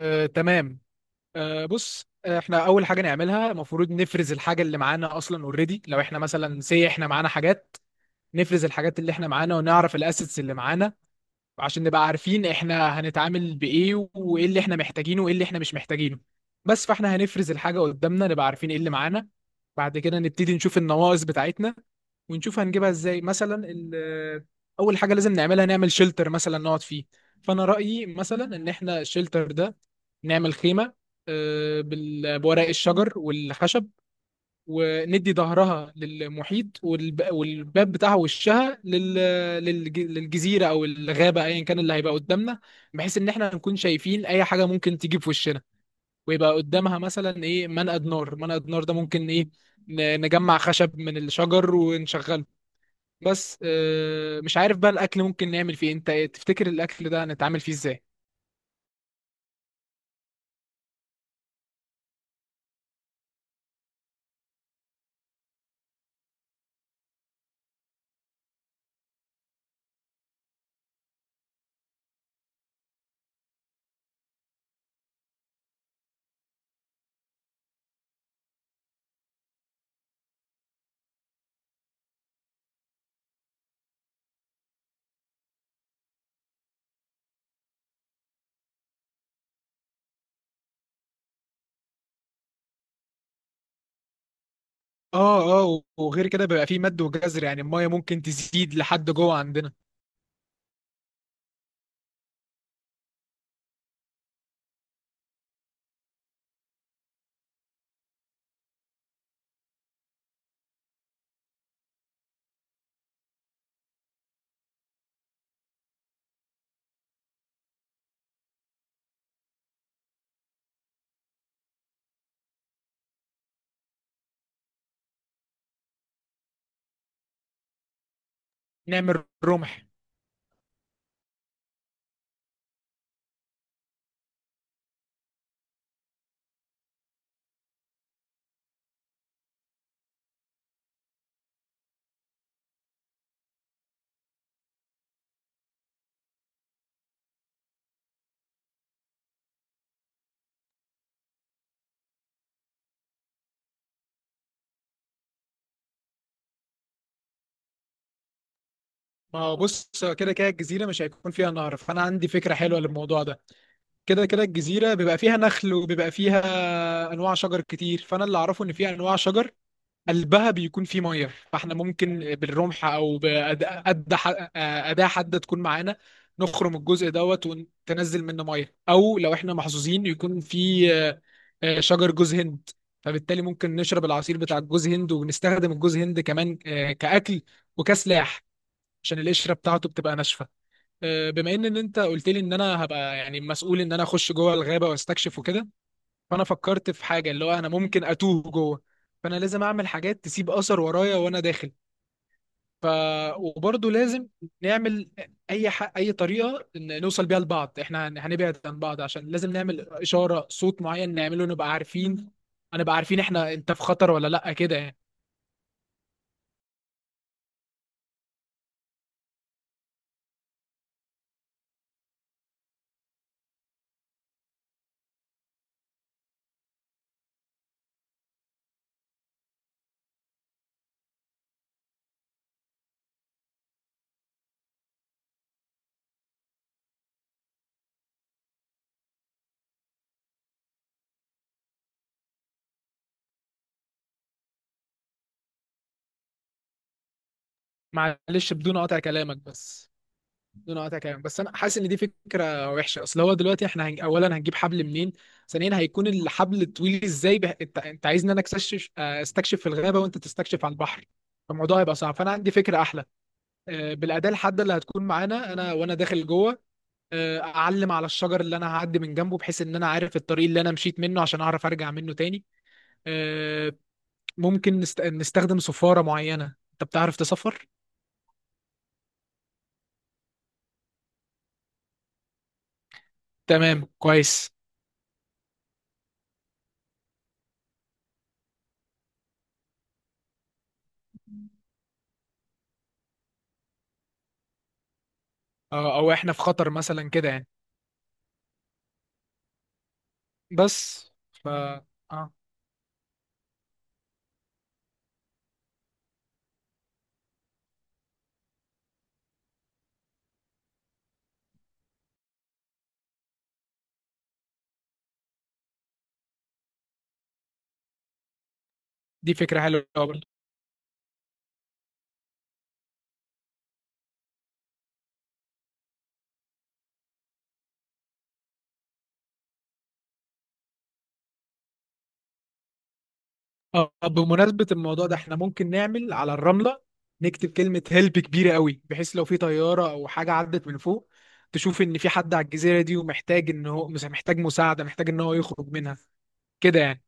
تمام. آه، بص آه، احنا اول حاجه نعملها المفروض نفرز الحاجه اللي معانا اصلا اوريدي، لو احنا مثلا سي احنا معانا حاجات، نفرز الحاجات اللي احنا معانا ونعرف الاسيتس اللي معانا، عشان نبقى عارفين احنا هنتعامل بايه وايه اللي احنا محتاجينه وايه اللي احنا مش محتاجينه. بس فاحنا هنفرز الحاجه قدامنا نبقى عارفين ايه اللي معانا. بعد كده نبتدي نشوف النواقص بتاعتنا ونشوف هنجيبها ازاي. مثلا اول حاجه لازم نعملها نعمل شيلتر مثلا نقعد فيه. فانا رايي مثلا ان احنا الشيلتر ده نعمل خيمة، بورق الشجر والخشب، وندي ظهرها للمحيط والباب بتاعها وشها للجزيرة أو الغابة أيا كان اللي هيبقى قدامنا، بحيث إن إحنا نكون شايفين أي حاجة ممكن تيجي في وشنا. ويبقى قدامها مثلا إيه، منقد نار. منقد نار ده ممكن إيه، نجمع خشب من الشجر ونشغله. بس مش عارف بقى الأكل ممكن نعمل فيه إيه. أنت إيه تفتكر الأكل ده هنتعامل فيه إزاي؟ اه اه، وغير كده بيبقى فيه مد وجزر، يعني المايه ممكن تزيد لحد جوه عندنا. نعمل رمح. ما هو بص، كده كده الجزيره مش هيكون فيها نهر، فانا عندي فكره حلوه للموضوع ده. كده كده الجزيره بيبقى فيها نخل وبيبقى فيها انواع شجر كتير، فانا اللي اعرفه ان فيها انواع شجر قلبها بيكون فيه ميه، فاحنا ممكن بالرمح او أداة حادة تكون معانا، نخرم الجزء دوت وننزل منه ميه. او لو احنا محظوظين يكون فيه شجر جوز هند، فبالتالي ممكن نشرب العصير بتاع الجوز هند ونستخدم الجوز هند كمان كأكل وكسلاح، عشان القشرة بتاعته بتبقى ناشفة. بما إن انت قلت لي ان انا هبقى يعني مسؤول ان انا اخش جوه الغابة واستكشف وكده، فانا فكرت في حاجه اللي هو انا ممكن اتوه جوه، فانا لازم اعمل حاجات تسيب اثر ورايا وانا داخل. ف وبرضه لازم نعمل اي طريقه إن نوصل بيها لبعض، احنا هنبعد عن بعض، عشان لازم نعمل اشاره صوت معين نعمله نبقى عارفين، هنبقى عارفين احنا انت في خطر ولا لا كده يعني. معلش بدون قطع كلامك بس، دون قطع كلام بس، انا حاسس ان دي فكره وحشه، اصل هو دلوقتي احنا اولا هنجيب حبل منين، ثانيا هيكون الحبل طويل ازاي. بح... انت انت عايزني انا اكتشف استكشف في الغابه وانت تستكشف على البحر، فالموضوع هيبقى صعب. فانا عندي فكره احلى، بالاداه الحاده اللي هتكون معانا انا وانا داخل جوه، اعلم على الشجر اللي انا هعدي من جنبه بحيث ان انا عارف الطريق اللي انا مشيت منه عشان اعرف ارجع منه تاني. آه، ممكن نستخدم صفاره معينه، انت بتعرف تصفر. تمام كويس. او احنا في خطر مثلا كده يعني. بس. ف اه، دي فكرة حلوة برضه. اه، بمناسبة الموضوع ده احنا ممكن نعمل على الرملة، نكتب كلمة هيلب كبيرة قوي، بحيث لو في طيارة او حاجة عدت من فوق تشوف ان في حد على الجزيرة دي ومحتاج ان هو محتاج مساعدة، محتاج ان هو يخرج منها كده يعني.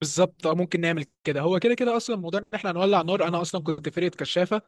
بالظبط، اه ممكن نعمل كده. هو كده كده اصلا موضوع ان احنا هنولع نار، انا اصلا كنت فرقة كشافة،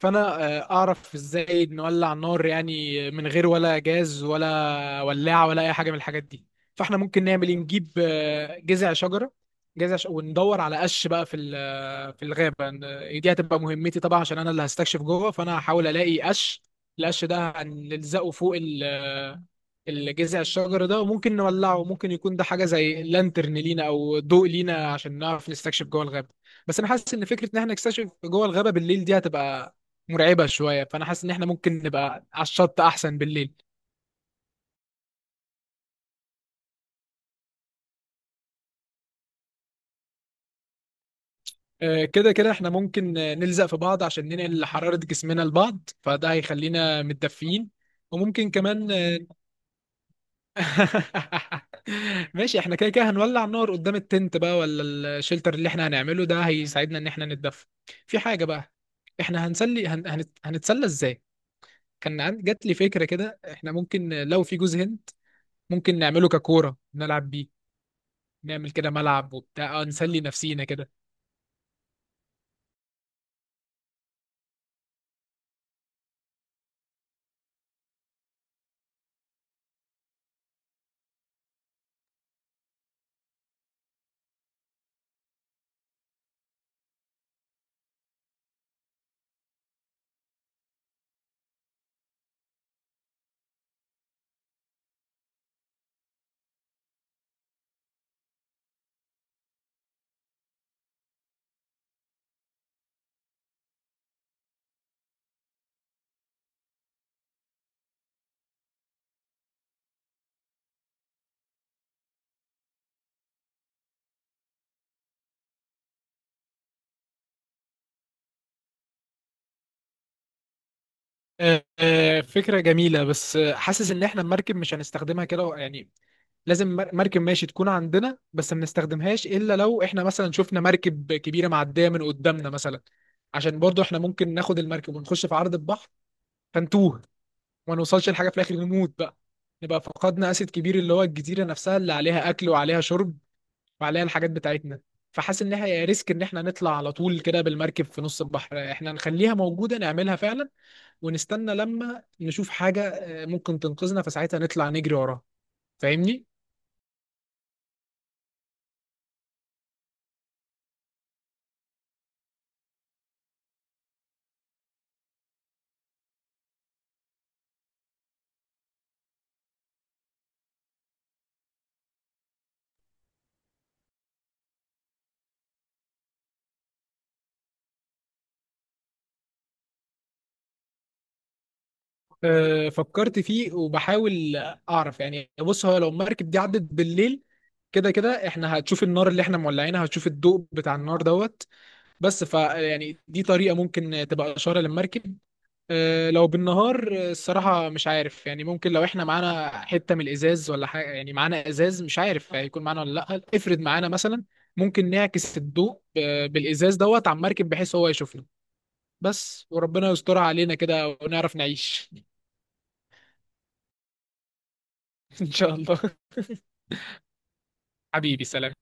فانا اعرف ازاي نولع النار يعني من غير ولا جاز ولا ولاعه ولا اي حاجه من الحاجات دي. فاحنا ممكن نعمل ايه، نجيب جذع شجره، وندور على قش بقى في في الغابه. دي هتبقى مهمتي طبعا عشان انا اللي هستكشف جوه، فانا هحاول الاقي قش. القش ده هنلزقه فوق ال... آه، الجذع الشجر ده وممكن نولعه. ممكن يكون ده حاجه زي لانترن لينا او ضوء لينا عشان نعرف نستكشف جوه الغابه. بس انا حاسس ان فكره ان احنا نكتشف جوه الغابه بالليل دي هتبقى مرعبه شويه، فانا حاسس ان احنا ممكن نبقى على الشط احسن بالليل. كده كده احنا ممكن نلزق في بعض عشان ننقل حرارة جسمنا لبعض، فده هيخلينا متدفيين. وممكن كمان ماشي، احنا كده كده هنولع النار قدام التنت بقى، ولا الشلتر اللي احنا هنعمله ده هيساعدنا ان احنا نتدفى. في حاجة بقى، احنا هنتسلى ازاي. كان جات لي فكرة كده، احنا ممكن لو في جوز هند ممكن نعمله ككورة نلعب بيه، نعمل كده ملعب وبتاع، اه نسلي نفسينا كده. فكرة جميلة، بس حاسس ان احنا المركب مش هنستخدمها كده يعني. لازم مركب ماشي تكون عندنا، بس ما بنستخدمهاش الا لو احنا مثلا شفنا مركب كبيرة معدية من قدامنا مثلا. عشان برضو احنا ممكن ناخد المركب ونخش في عرض البحر فنتوه وما نوصلش لحاجة في الاخر نموت بقى، نبقى فقدنا اسد كبير اللي هو الجزيرة نفسها اللي عليها اكل وعليها شرب وعليها الحاجات بتاعتنا. فحاسس ان هي ريسك ان احنا نطلع على طول كده بالمركب في نص البحر. احنا نخليها موجودة نعملها فعلا ونستنى لما نشوف حاجة ممكن تنقذنا فساعتها نطلع نجري وراها. فاهمني؟ فكرت فيه وبحاول أعرف يعني. بص، هو لو المركب دي عدت بالليل كده كده احنا هتشوف النار اللي احنا مولعينها، هتشوف الضوء بتاع النار دوت. بس ف يعني دي طريقة ممكن تبقى إشارة للمركب. لو بالنهار الصراحة مش عارف يعني. ممكن لو احنا معانا حتة من الإزاز ولا حاجة، يعني معانا إزاز، مش عارف هيكون معانا ولا لأ، افرض معانا مثلا، ممكن نعكس الضوء بالإزاز دوت على المركب بحيث هو يشوفنا. بس وربنا يسترها علينا كده ونعرف نعيش. إن شاء الله. حبيبي سلام.